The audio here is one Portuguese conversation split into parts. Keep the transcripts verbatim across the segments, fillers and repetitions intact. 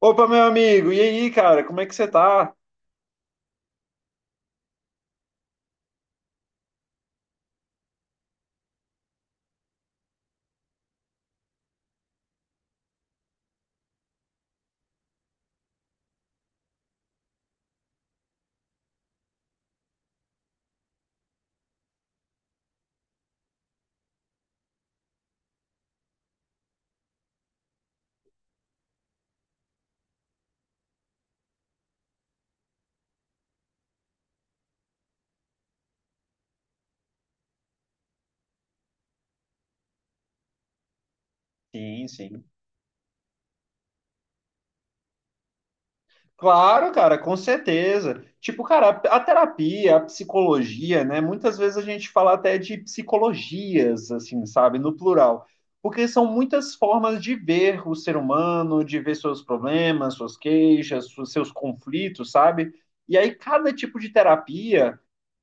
Opa, meu amigo, e aí, cara, como é que você tá? Sim, sim. Claro, cara, com certeza. Tipo, cara, a terapia, a psicologia, né? Muitas vezes a gente fala até de psicologias, assim, sabe, no plural. Porque são muitas formas de ver o ser humano, de ver seus problemas, suas queixas, su- seus conflitos, sabe? E aí, cada tipo de terapia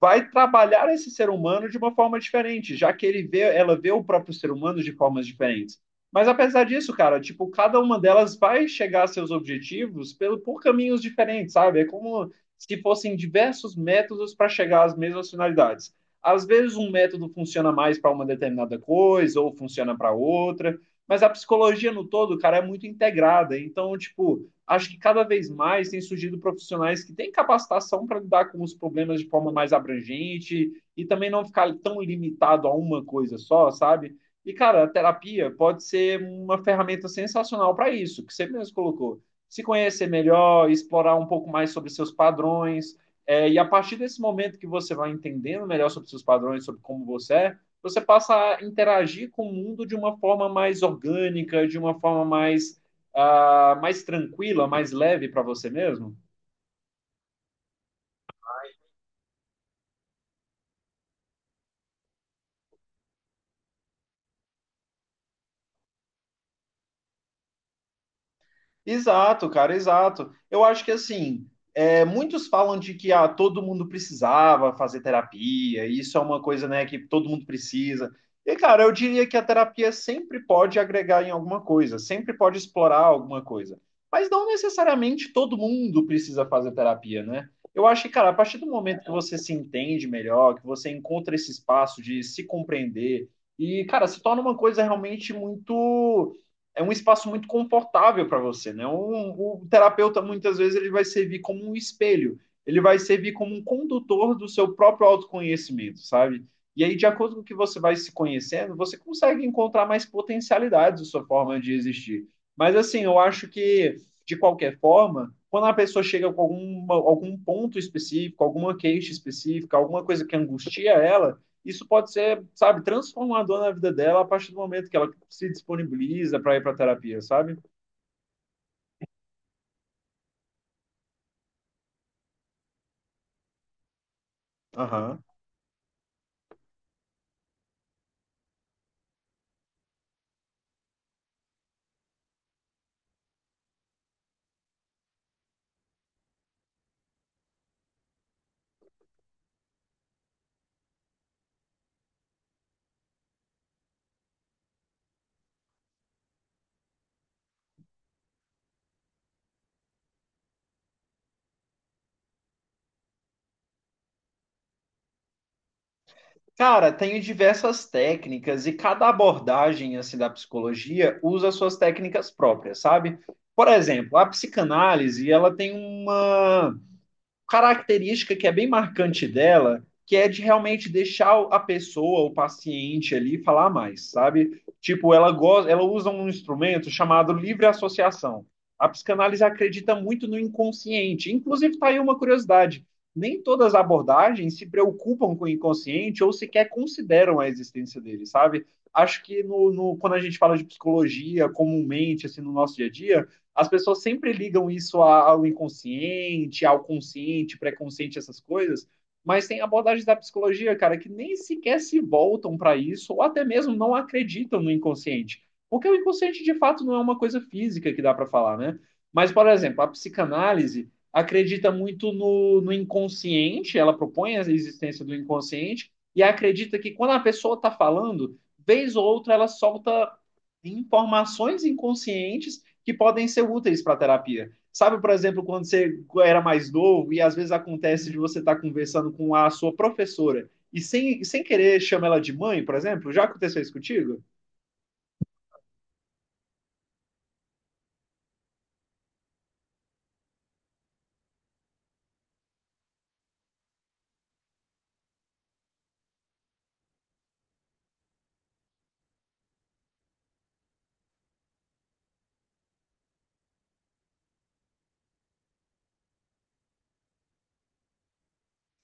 vai trabalhar esse ser humano de uma forma diferente, já que ele vê, ela vê o próprio ser humano de formas diferentes. Mas apesar disso, cara, tipo, cada uma delas vai chegar a seus objetivos pelo, por caminhos diferentes, sabe? É como se fossem diversos métodos para chegar às mesmas finalidades. Às vezes um método funciona mais para uma determinada coisa ou funciona para outra, mas a psicologia no todo, cara, é muito integrada. Então, tipo, acho que cada vez mais tem surgido profissionais que têm capacitação para lidar com os problemas de forma mais abrangente e também não ficar tão limitado a uma coisa só, sabe? E, cara, a terapia pode ser uma ferramenta sensacional para isso, que você mesmo colocou. Se conhecer melhor, explorar um pouco mais sobre seus padrões. É, e a partir desse momento que você vai entendendo melhor sobre seus padrões, sobre como você é, você passa a interagir com o mundo de uma forma mais orgânica, de uma forma mais uh, mais tranquila, mais leve para você mesmo? Exato, cara, exato. Eu acho que assim, é, muitos falam de que ah, todo mundo precisava fazer terapia, e isso é uma coisa, né, que todo mundo precisa. E, cara, eu diria que a terapia sempre pode agregar em alguma coisa, sempre pode explorar alguma coisa. Mas não necessariamente todo mundo precisa fazer terapia, né? Eu acho que, cara, a partir do momento que você se entende melhor, que você encontra esse espaço de se compreender, e, cara, se torna uma coisa realmente muito é um espaço muito confortável para você, né? O, o, terapeuta muitas vezes ele vai servir como um espelho, ele vai servir como um condutor do seu próprio autoconhecimento, sabe? E aí, de acordo com o que você vai se conhecendo, você consegue encontrar mais potencialidades da sua forma de existir. Mas assim, eu acho que de qualquer forma, quando a pessoa chega com alguma, algum ponto específico, alguma queixa específica, alguma coisa que angustia ela, isso pode ser, sabe, transformador na vida dela a partir do momento que ela se disponibiliza para ir para terapia, sabe? Aham. Cara, tenho diversas técnicas e cada abordagem assim da psicologia usa suas técnicas próprias, sabe? Por exemplo, a psicanálise, ela tem uma característica que é bem marcante dela, que é de realmente deixar a pessoa, o paciente ali, falar mais, sabe? Tipo, ela gosta, ela usa um instrumento chamado livre associação. A psicanálise acredita muito no inconsciente. Inclusive, está aí uma curiosidade. Nem todas as abordagens se preocupam com o inconsciente ou sequer consideram a existência dele, sabe? Acho que no, no, quando a gente fala de psicologia comumente, assim, no nosso dia a dia, as pessoas sempre ligam isso ao inconsciente, ao consciente, pré-consciente, essas coisas, mas tem abordagens da psicologia, cara, que nem sequer se voltam para isso, ou até mesmo não acreditam no inconsciente. Porque o inconsciente, de fato, não é uma coisa física que dá para falar, né? Mas, por exemplo, a psicanálise acredita muito no, no inconsciente, ela propõe a existência do inconsciente, e acredita que quando a pessoa está falando, vez ou outra ela solta informações inconscientes que podem ser úteis para a terapia. Sabe, por exemplo, quando você era mais novo e às vezes acontece de você estar conversando com a sua professora e sem, sem querer chama ela de mãe, por exemplo? Já aconteceu isso contigo?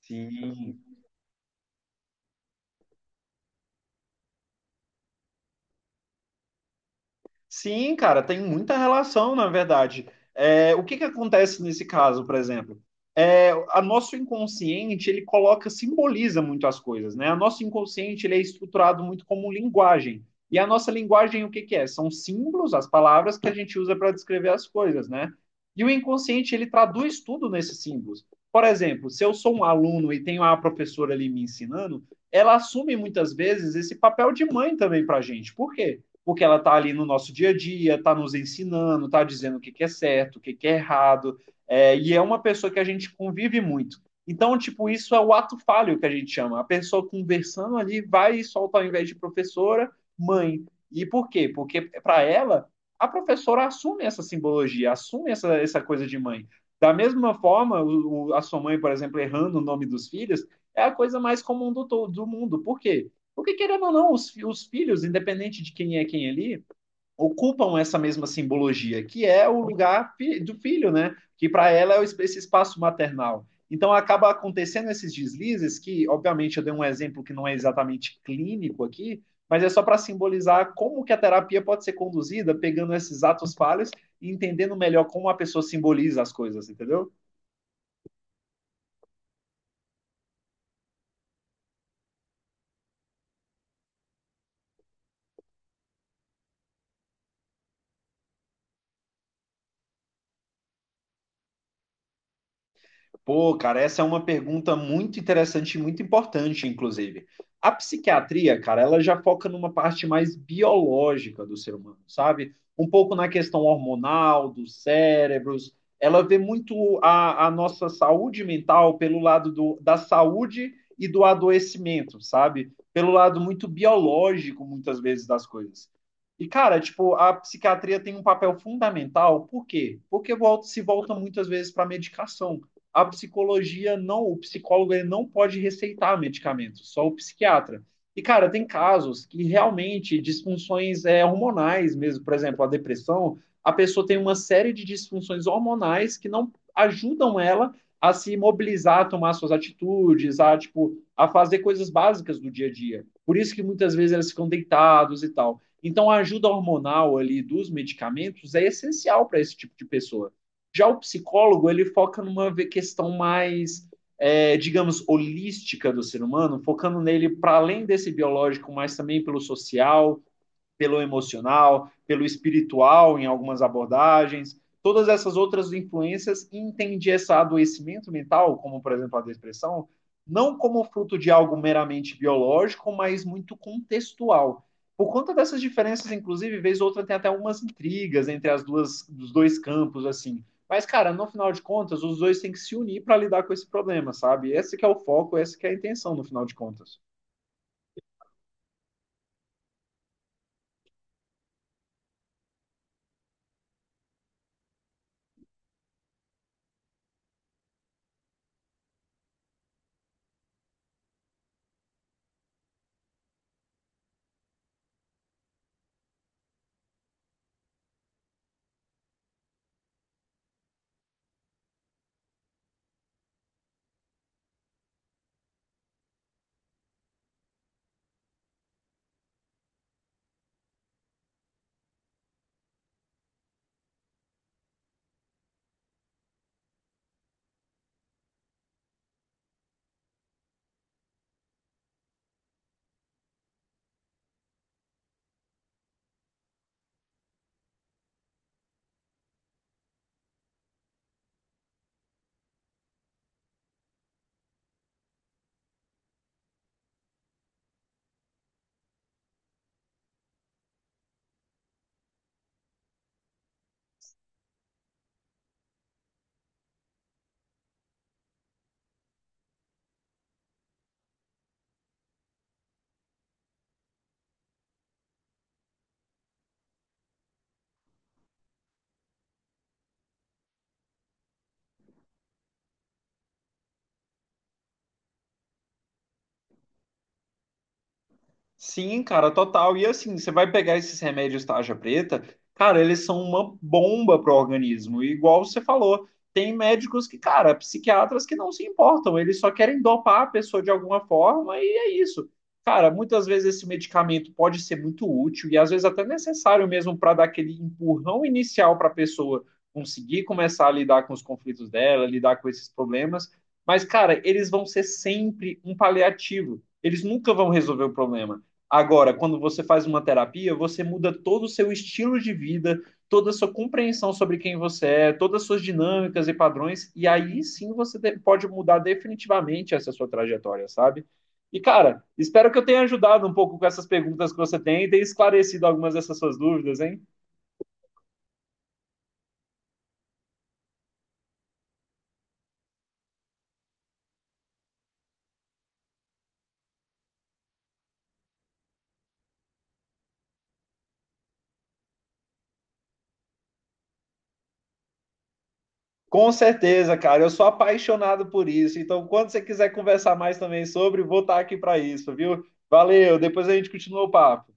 Sim, sim, cara, tem muita relação, na verdade. É, o que que acontece nesse caso, por exemplo? É, a nosso inconsciente, ele coloca, simboliza muito as coisas, né? O nosso inconsciente, ele é estruturado muito como linguagem. E a nossa linguagem, o que que é? São símbolos, as palavras que a gente usa para descrever as coisas, né? E o inconsciente, ele traduz tudo nesses símbolos. Por exemplo, se eu sou um aluno e tenho a professora ali me ensinando, ela assume muitas vezes esse papel de mãe também para a gente. Por quê? Porque ela está ali no nosso dia a dia, está nos ensinando, está dizendo o que, que é certo, o que, que é errado, é, e é uma pessoa que a gente convive muito. Então, tipo, isso é o ato falho que a gente chama. A pessoa conversando ali vai e solta, ao invés de professora, mãe. E por quê? Porque para ela, a professora assume essa simbologia, assume essa, essa coisa de mãe. Da mesma forma, o, a sua mãe, por exemplo, errando o nome dos filhos, é a coisa mais comum do, do mundo. Por quê? Porque, querendo ou não, os, os filhos, independente de quem é quem ali, ocupam essa mesma simbologia, que é o lugar fi- do filho, né? Que para ela é o es- esse espaço maternal. Então, acaba acontecendo esses deslizes, que, obviamente, eu dei um exemplo que não é exatamente clínico aqui, mas é só para simbolizar como que a terapia pode ser conduzida, pegando esses atos falhos e entendendo melhor como a pessoa simboliza as coisas, entendeu? Pô, cara, essa é uma pergunta muito interessante e muito importante, inclusive. A psiquiatria, cara, ela já foca numa parte mais biológica do ser humano, sabe? Um pouco na questão hormonal, dos cérebros. Ela vê muito a, a nossa saúde mental pelo lado do, da saúde e do adoecimento, sabe? Pelo lado muito biológico, muitas vezes, das coisas. E, cara, tipo, a psiquiatria tem um papel fundamental, por quê? Porque volta, se volta muitas vezes para medicação. A psicologia não, o psicólogo ele não pode receitar medicamentos, só o psiquiatra. E, cara, tem casos que realmente disfunções é, hormonais mesmo, por exemplo, a depressão, a pessoa tem uma série de disfunções hormonais que não ajudam ela a se mobilizar, a tomar suas atitudes, a, tipo, a fazer coisas básicas do dia a dia. Por isso que muitas vezes elas ficam deitados e tal. Então, a ajuda hormonal ali dos medicamentos é essencial para esse tipo de pessoa. Já o psicólogo, ele foca numa questão mais, é, digamos, holística do ser humano, focando nele para além desse biológico, mas também pelo social, pelo emocional, pelo espiritual em algumas abordagens, todas essas outras influências e entendi esse adoecimento mental, como por exemplo a depressão, não como fruto de algo meramente biológico, mas muito contextual. Por conta dessas diferenças, inclusive, vez ou outra tem até umas intrigas entre as duas, os dois campos, assim. Mas, cara, no final de contas, os dois têm que se unir para lidar com esse problema, sabe? Esse que é o foco, essa que é a intenção, no final de contas. Sim, cara, total. E assim, você vai pegar esses remédios tarja preta, cara, eles são uma bomba pro organismo. E igual você falou, tem médicos que, cara, psiquiatras que não se importam, eles só querem dopar a pessoa de alguma forma e é isso. Cara, muitas vezes esse medicamento pode ser muito útil e às vezes até necessário mesmo para dar aquele empurrão inicial para a pessoa conseguir começar a lidar com os conflitos dela, lidar com esses problemas. Mas, cara, eles vão ser sempre um paliativo. Eles nunca vão resolver o problema. Agora, quando você faz uma terapia, você muda todo o seu estilo de vida, toda a sua compreensão sobre quem você é, todas as suas dinâmicas e padrões, e aí sim você pode mudar definitivamente essa sua trajetória, sabe? E, cara, espero que eu tenha ajudado um pouco com essas perguntas que você tem e tenha esclarecido algumas dessas suas dúvidas, hein? Com certeza, cara, eu sou apaixonado por isso. Então, quando você quiser conversar mais também sobre, vou estar aqui para isso, viu? Valeu, depois a gente continua o papo.